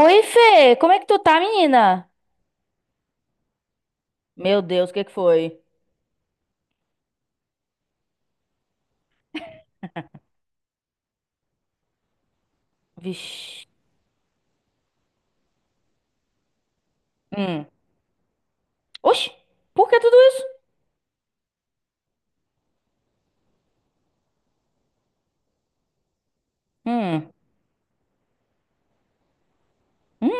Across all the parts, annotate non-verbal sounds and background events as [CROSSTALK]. Oi, Fê, como é que tu tá, menina? Meu Deus, o que que foi? Vixe. Hum. Oxi, por que tudo isso? Hum. Hum.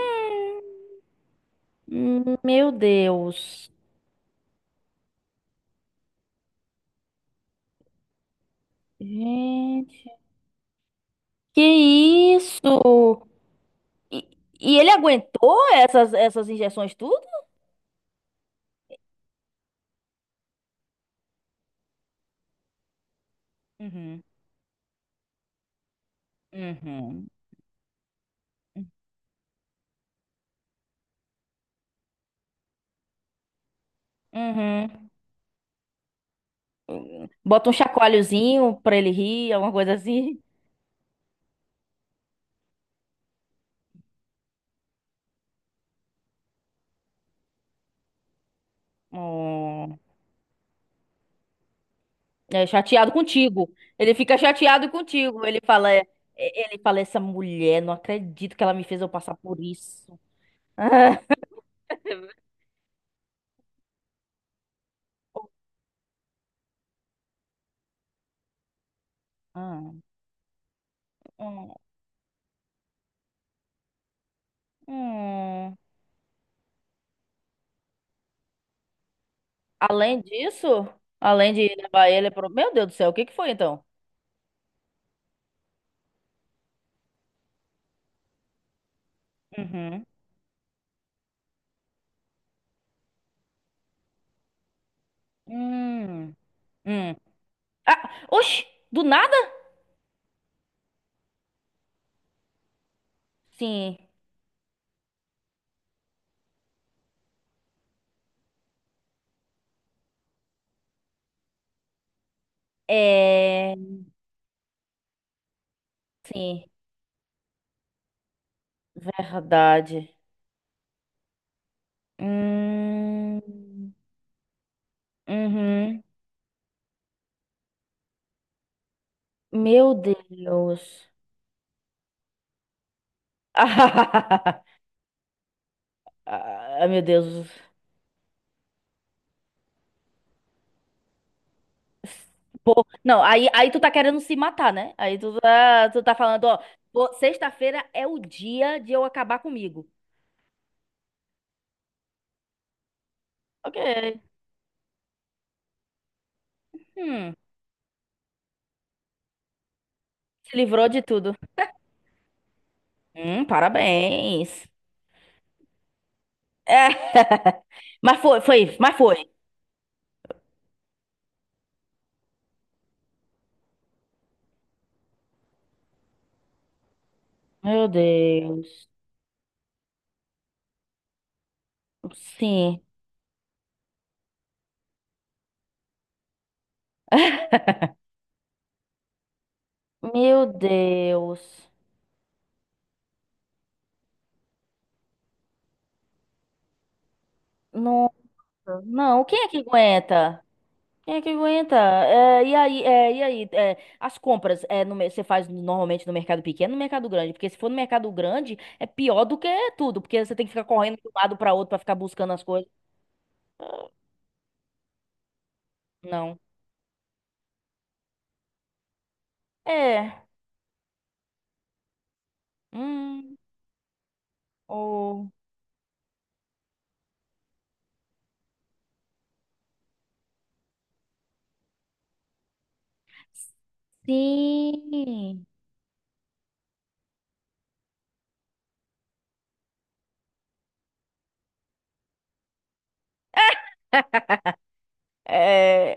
Meu Deus. Gente. Que isso? E, e ele aguentou essas, essas injeções tudo? Uhum. Uhum. Uhum. Bota um chacoalhozinho pra ele rir, alguma coisa assim. É chateado contigo. Ele fica chateado contigo. Ele fala, é, é, ele fala, essa mulher, não acredito que ela me fez eu passar por isso. [LAUGHS] Hum, hum, hum. Além disso, além de levar ele pro... Meu Deus do céu, o que que foi então? Uhum. Hum, hum. Ah, oxi, do nada? Sim, é, sim, verdade. Hum, uhum. Meu Deus. [LAUGHS] Ah, ah, meu Deus. Pô, não, aí tu tá querendo se matar, né? Aí tu tá falando, ó, pô, sexta-feira é o dia de eu acabar comigo. Ok. Hum, se livrou de tudo. Parabéns. É, mas foi, foi, mas foi. Meu Deus. Sim. Meu Deus. Nossa, não, quem é que aguenta? Quem é que aguenta? É, e aí, as compras é, no, mer- você faz normalmente no mercado pequeno, ou no mercado grande, porque se for no mercado grande é pior do que tudo, porque você tem que ficar correndo de um lado para outro para ficar buscando as coisas. Não. É. Hum. Oh. Sim. É.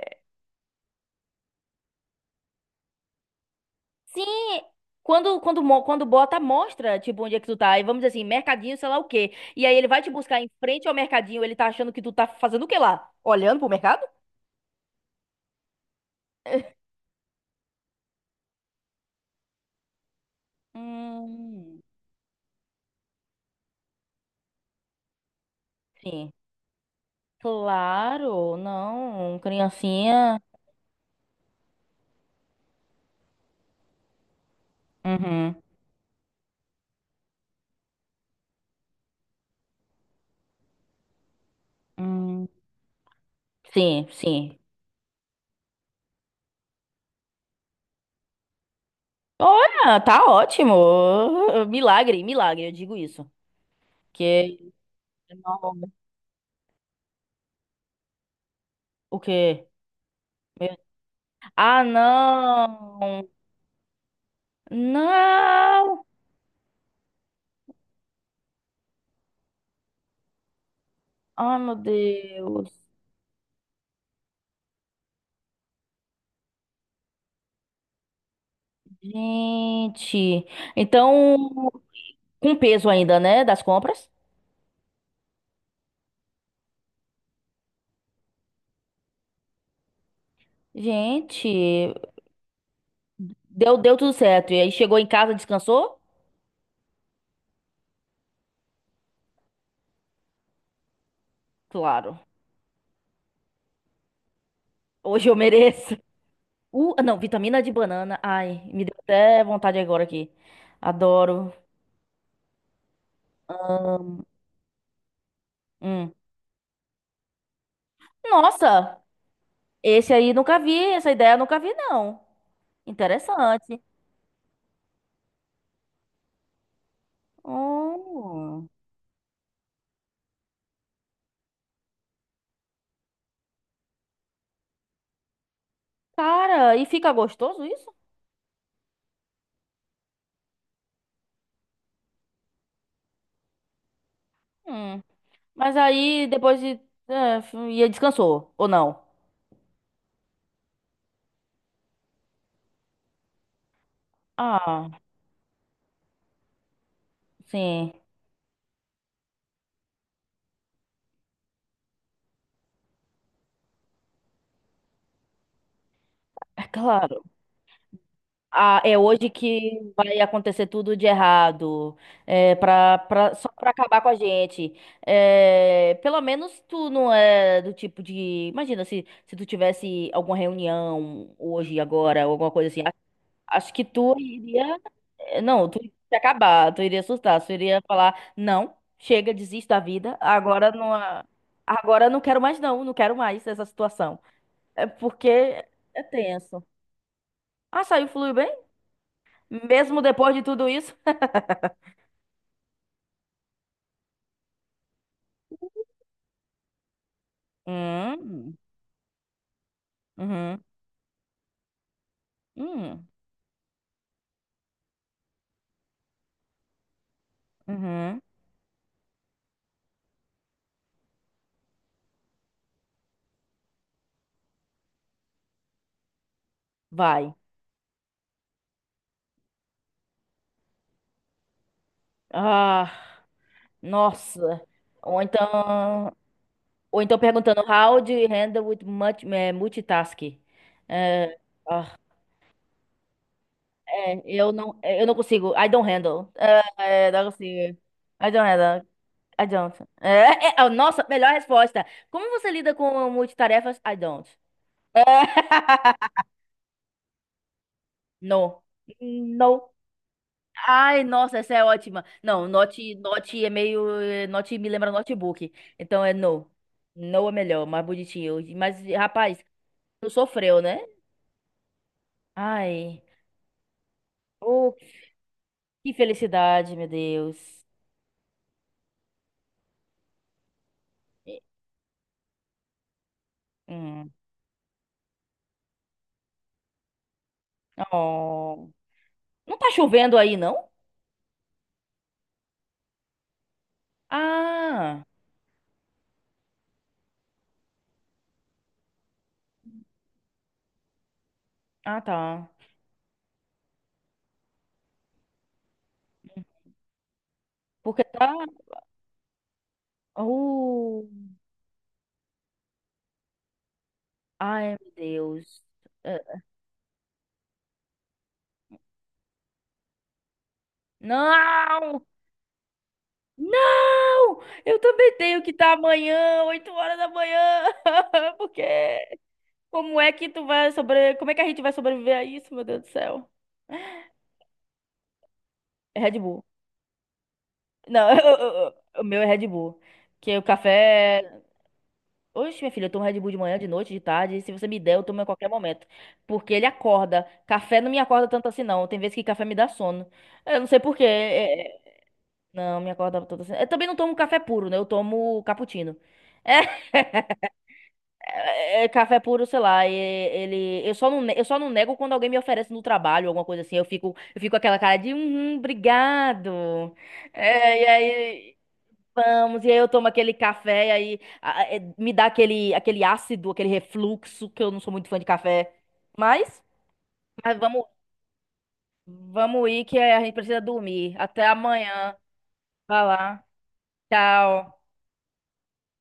Sim. Quando bota, mostra, tipo, onde é que tu tá. E vamos dizer assim, mercadinho, sei lá o quê. E aí ele vai te buscar em frente ao mercadinho, ele tá achando que tu tá fazendo o quê lá? Olhando pro mercado? Hum, sim. Claro, não. Um criancinha. Uhum. Hum, sim, sim. Olha, tá ótimo. Milagre, milagre, eu digo isso. Que. Não. O quê? Meu- Ah, não! Não! Ai, meu Deus. Gente. Então, com peso ainda, né? Das compras? Gente, deu, deu tudo certo. E aí chegou em casa, descansou? Claro. Hoje eu mereço. Não, vitamina de banana. Ai, me deu até vontade agora aqui. Adoro. Hum. Nossa, esse aí nunca vi, essa ideia eu nunca vi, não. Interessante. Hum. Cara, e fica gostoso isso? Hum. Mas aí depois de. E aí descansou, ou não? Ah, sim. É claro. Ah, é hoje que vai acontecer tudo de errado, é, pra, pra, só pra acabar com a gente. É, pelo menos tu não é do tipo de. Imagina se, se tu tivesse alguma reunião hoje, agora, ou alguma coisa assim. A- Acho que tu iria. Não, tu iria se acabar, tu iria assustar, tu iria falar: não, chega, desisto da vida, agora não. Agora não quero mais, não, não quero mais essa situação. É porque é tenso. Ah, saiu, flui bem? Mesmo depois de tudo isso? Hum, uhum, hum, uhum. Vai. Ah, nossa. Ou então, ou então perguntando how do you handle with much, multitasking? Eh, ah, eu não consigo. I don't handle. Não consigo. I don't handle. I don't. Nossa, melhor resposta. Como você lida com multitarefas? I don't. Eh, [LAUGHS] no. No. Ai, nossa, essa é ótima. Não, note, note é meio. Note me lembra notebook. Então é no. No é melhor, mais bonitinho. Mas, rapaz, tu sofreu, né? Ai. Oh, que felicidade, meu Deus. Hum. Oh. Não tá chovendo aí, não? Ah. Ah, tá. Porque tá. Uh. Ai, meu Deus. Eh, Não! Não! Eu também tenho que estar amanhã, 8 horas da manhã. [LAUGHS] Porque como é que tu vai sobre... Como é que a gente vai sobreviver a isso, meu Deus do céu? É Red Bull. Não, [LAUGHS] o meu é Red Bull. Que o café. Oxe, minha filha, eu tomo Red Bull de manhã, de noite, de tarde. Se você me der, eu tomo a qualquer momento. Porque ele acorda. Café não me acorda tanto assim, não. Tem vezes que café me dá sono. Eu não sei por quê. Não, me acorda tanto assim. Eu também não tomo café puro, né? Eu tomo cappuccino. É, É, é café puro, sei lá, ele, eu só não nego quando alguém me oferece no trabalho, alguma coisa assim, eu fico com aquela cara de, uhum, obrigado, é, e aí, vamos, e aí eu tomo aquele café, e aí me dá aquele, aquele ácido, aquele refluxo, que eu não sou muito fã de café, mas, mas vamos ir que a gente precisa dormir, até amanhã, vai lá, tchau.